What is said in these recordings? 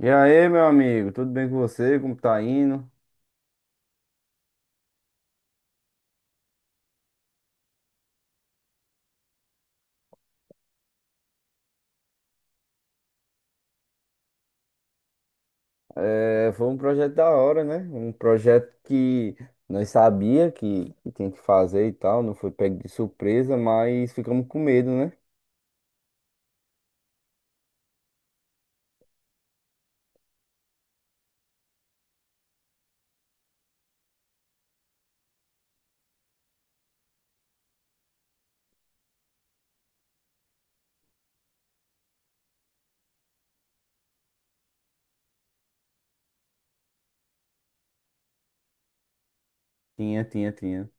E aí, meu amigo, tudo bem com você? Como tá indo? É, foi um projeto da hora, né? Um projeto que nós sabia que tinha que fazer e tal, não foi pego de surpresa, mas ficamos com medo, né? Tinha, tinha, tinha.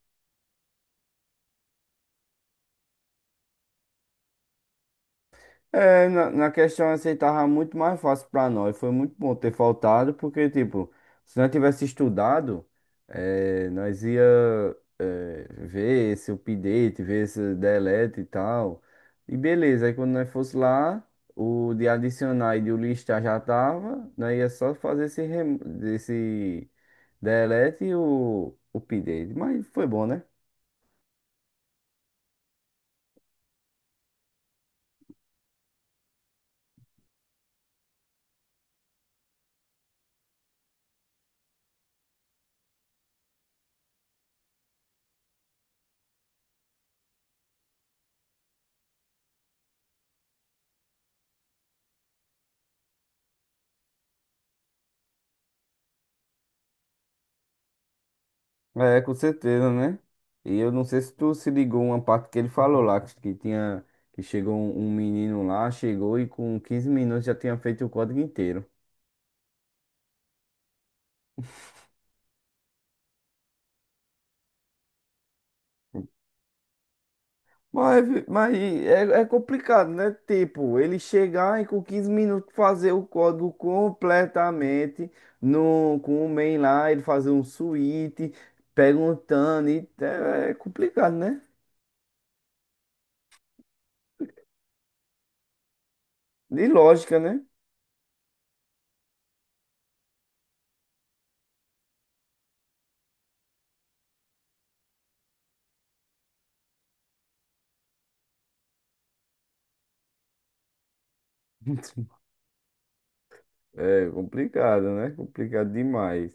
Na questão assim, tava muito mais fácil pra nós. Foi muito bom ter faltado, porque, tipo, se nós tivesse estudado, nós ia, ver esse update, ver esse delete e tal. E beleza, aí quando nós fosse lá, o de adicionar e de o listar já tava, nós ia só fazer esse, esse delete e o update. Mas foi bom, né? É, com certeza, né? E eu não sei se tu se ligou uma parte que ele falou lá, que tinha, que chegou um menino lá, chegou e com quinze minutos já tinha feito o código inteiro. Mas é, é complicado, né? Tipo, ele chegar e com 15 minutos fazer o código completamente no, com o main lá, ele fazer um switch, perguntando, e é é complicado, né? De lógica, né? É complicado, né? Complicado demais.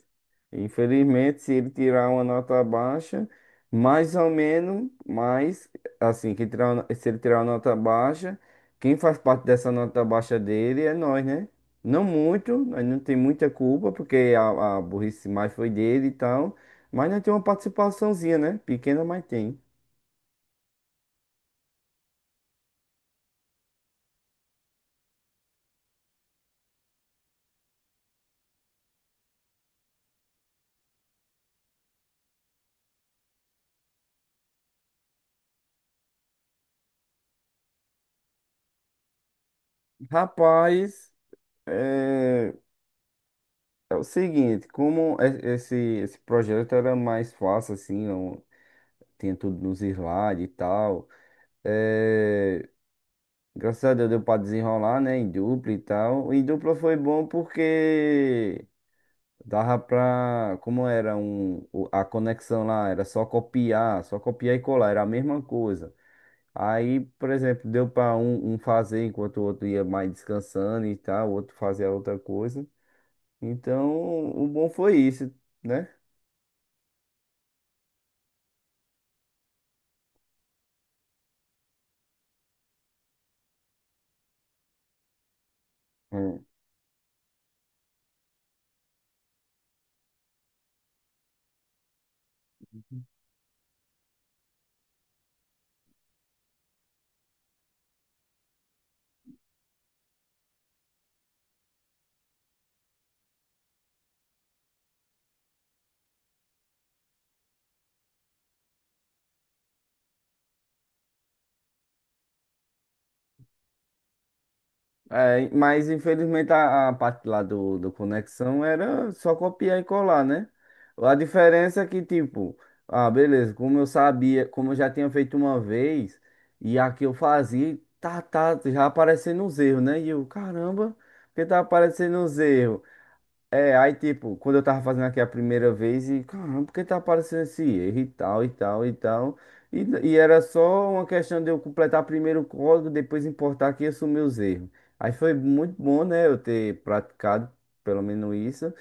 Infelizmente, se ele tirar uma nota baixa, mais ou menos, mas assim, que tirar, se ele tirar uma nota baixa, quem faz parte dessa nota baixa dele é nós, né? Não muito, nós não tem muita culpa, porque a burrice mais foi dele e tal, mas nós temos uma participaçãozinha, né? Pequena, mas tem. Rapaz, é, é o seguinte, como esse projeto era mais fácil, assim, tinha tudo nos slides e tal. É, graças a Deus deu pra desenrolar, né? Em dupla e tal. Em dupla foi bom porque dava pra. Como era a conexão lá, era só copiar e colar, era a mesma coisa. Aí, por exemplo, deu pra um fazer enquanto o outro ia mais descansando e tal, o outro fazia outra coisa. Então, o bom foi isso, né? Hum. É, mas infelizmente a parte lá do conexão era só copiar e colar, né? A diferença é que, tipo, ah, beleza, como eu sabia, como eu já tinha feito uma vez, e aqui eu fazia, tá, já aparecendo os erros, né? E eu, caramba, porque tá aparecendo os erros? É, aí tipo, quando eu tava fazendo aqui a primeira vez, e caramba, por que tá aparecendo esse erro e tal. E, e era só uma questão de eu completar primeiro o código, depois importar aqui e assumir os erros. Aí foi muito bom, né, eu ter praticado pelo menos isso.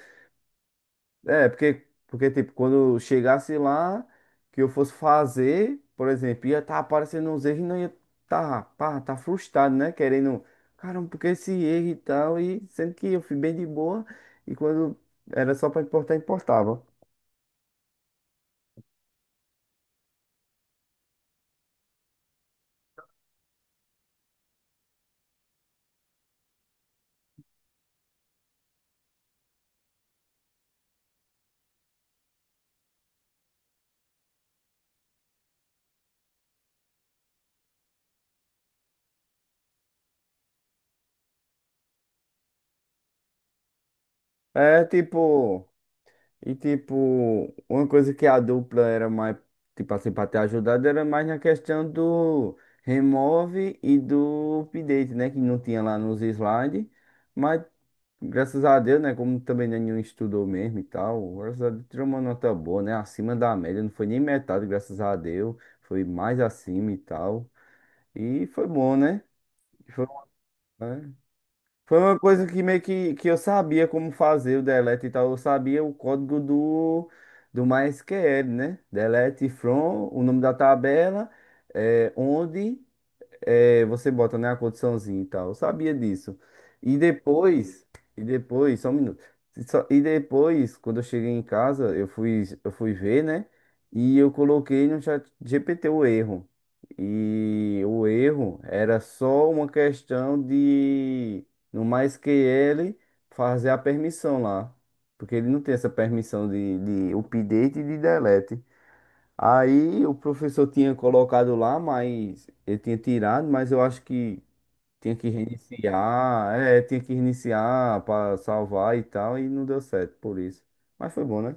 É, porque, tipo, quando chegasse lá, que eu fosse fazer, por exemplo, ia estar aparecendo uns erros e não ia tá, pá, tá frustrado, né? Querendo, caramba, porque esse erro e tal, e sendo que eu fui bem de boa, e quando era só pra importar, importava. É, tipo, tipo, uma coisa que a dupla era mais, tipo assim, pra ter ajudado, era mais na questão do remove e do update, né? Que não tinha lá nos slides. Mas graças a Deus, né? Como também nenhum estudou mesmo e tal, graças a Deus tirou uma nota boa, né? Acima da média, não foi nem metade, graças a Deus, foi mais acima e tal. E foi bom, né? Foi, né? Foi uma coisa que meio que eu sabia como fazer o delete e tal, eu sabia o código do MySQL, né? Delete from, o nome da tabela, é, onde. É, você bota, né, a condiçãozinha e tal. Eu sabia disso. E depois, e depois, só um minuto. E depois, quando eu cheguei em casa, eu fui ver, né? E eu coloquei no chat GPT o erro. E o erro era só uma questão de, no MySQL, fazer a permissão lá. Porque ele não tem essa permissão de update e de delete. Aí o professor tinha colocado lá, mas ele tinha tirado, mas eu acho que tinha que reiniciar, é, tinha que reiniciar para salvar e tal, e não deu certo por isso. Mas foi bom, né?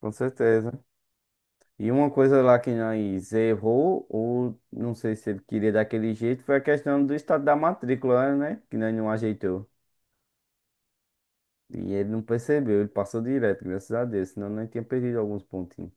Com certeza. E uma coisa lá que nós errou, ou não sei se ele queria daquele jeito, foi a questão do estado da matrícula, né? Que nós não ajeitou. E ele não percebeu, ele passou direto, graças a Deus, senão nós tinha perdido alguns pontinhos.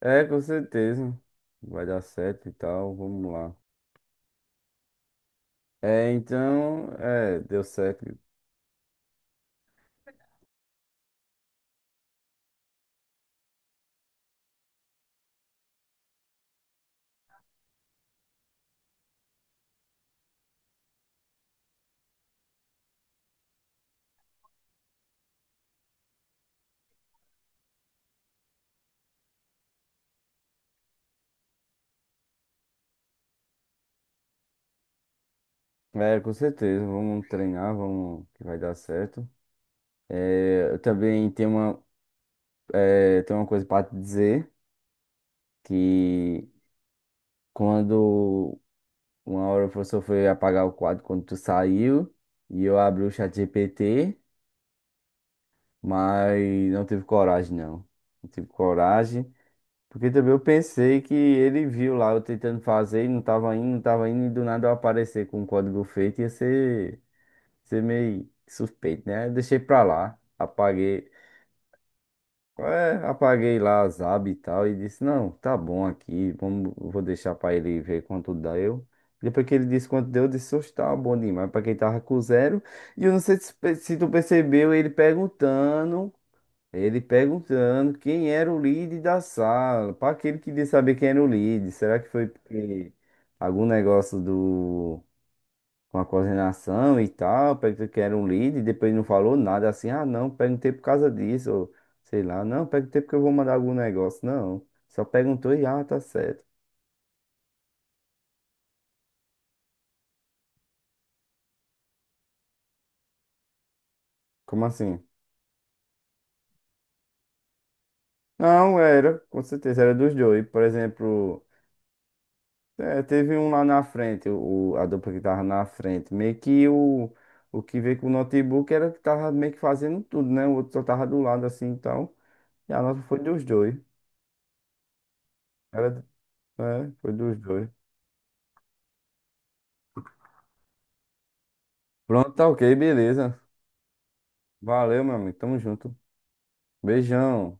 É, com certeza. Vai dar certo e tal, vamos lá. É, então, é, deu certo. É, com certeza, vamos treinar, vamos que vai dar certo. Eu também tenho uma coisa para te dizer, que quando uma hora o professor foi apagar o quadro quando tu saiu, e eu abri o chat GPT, mas não tive coragem, não. Não tive coragem, porque também eu pensei que ele viu lá eu tentando fazer e não tava indo, não tava indo, e do nada eu aparecer com o código feito, ia ser meio suspeito, né? Aí eu deixei pra lá, apaguei, é, apaguei lá as abas e tal, e disse, não, tá bom aqui, vamos, vou deixar pra ele ver quanto deu. Depois que ele disse quanto deu, eu disse, oxe, tá bom demais, pra quem tava com zero. E eu não sei se, se tu percebeu, ele perguntando quem era o lead da sala, pra aquele que queria saber quem era o lead, será que foi porque algum negócio do com a coordenação e tal, perguntei que era um líder, e depois não falou nada assim, ah não, perguntei por causa disso, ou sei lá, não, perguntei porque eu vou mandar algum negócio, não, só perguntou e ah, tá certo. Como assim? Não, era, com certeza, era dos dois, por exemplo, é, teve um lá na frente, a dupla que tava na frente, meio que o que veio com o notebook era que tava meio que fazendo tudo, né, o outro só tava do lado assim, então, e a nota foi dos dois, era, foi dos dois. Pronto, tá ok, beleza. Valeu, meu amigo. Tamo junto. Beijão.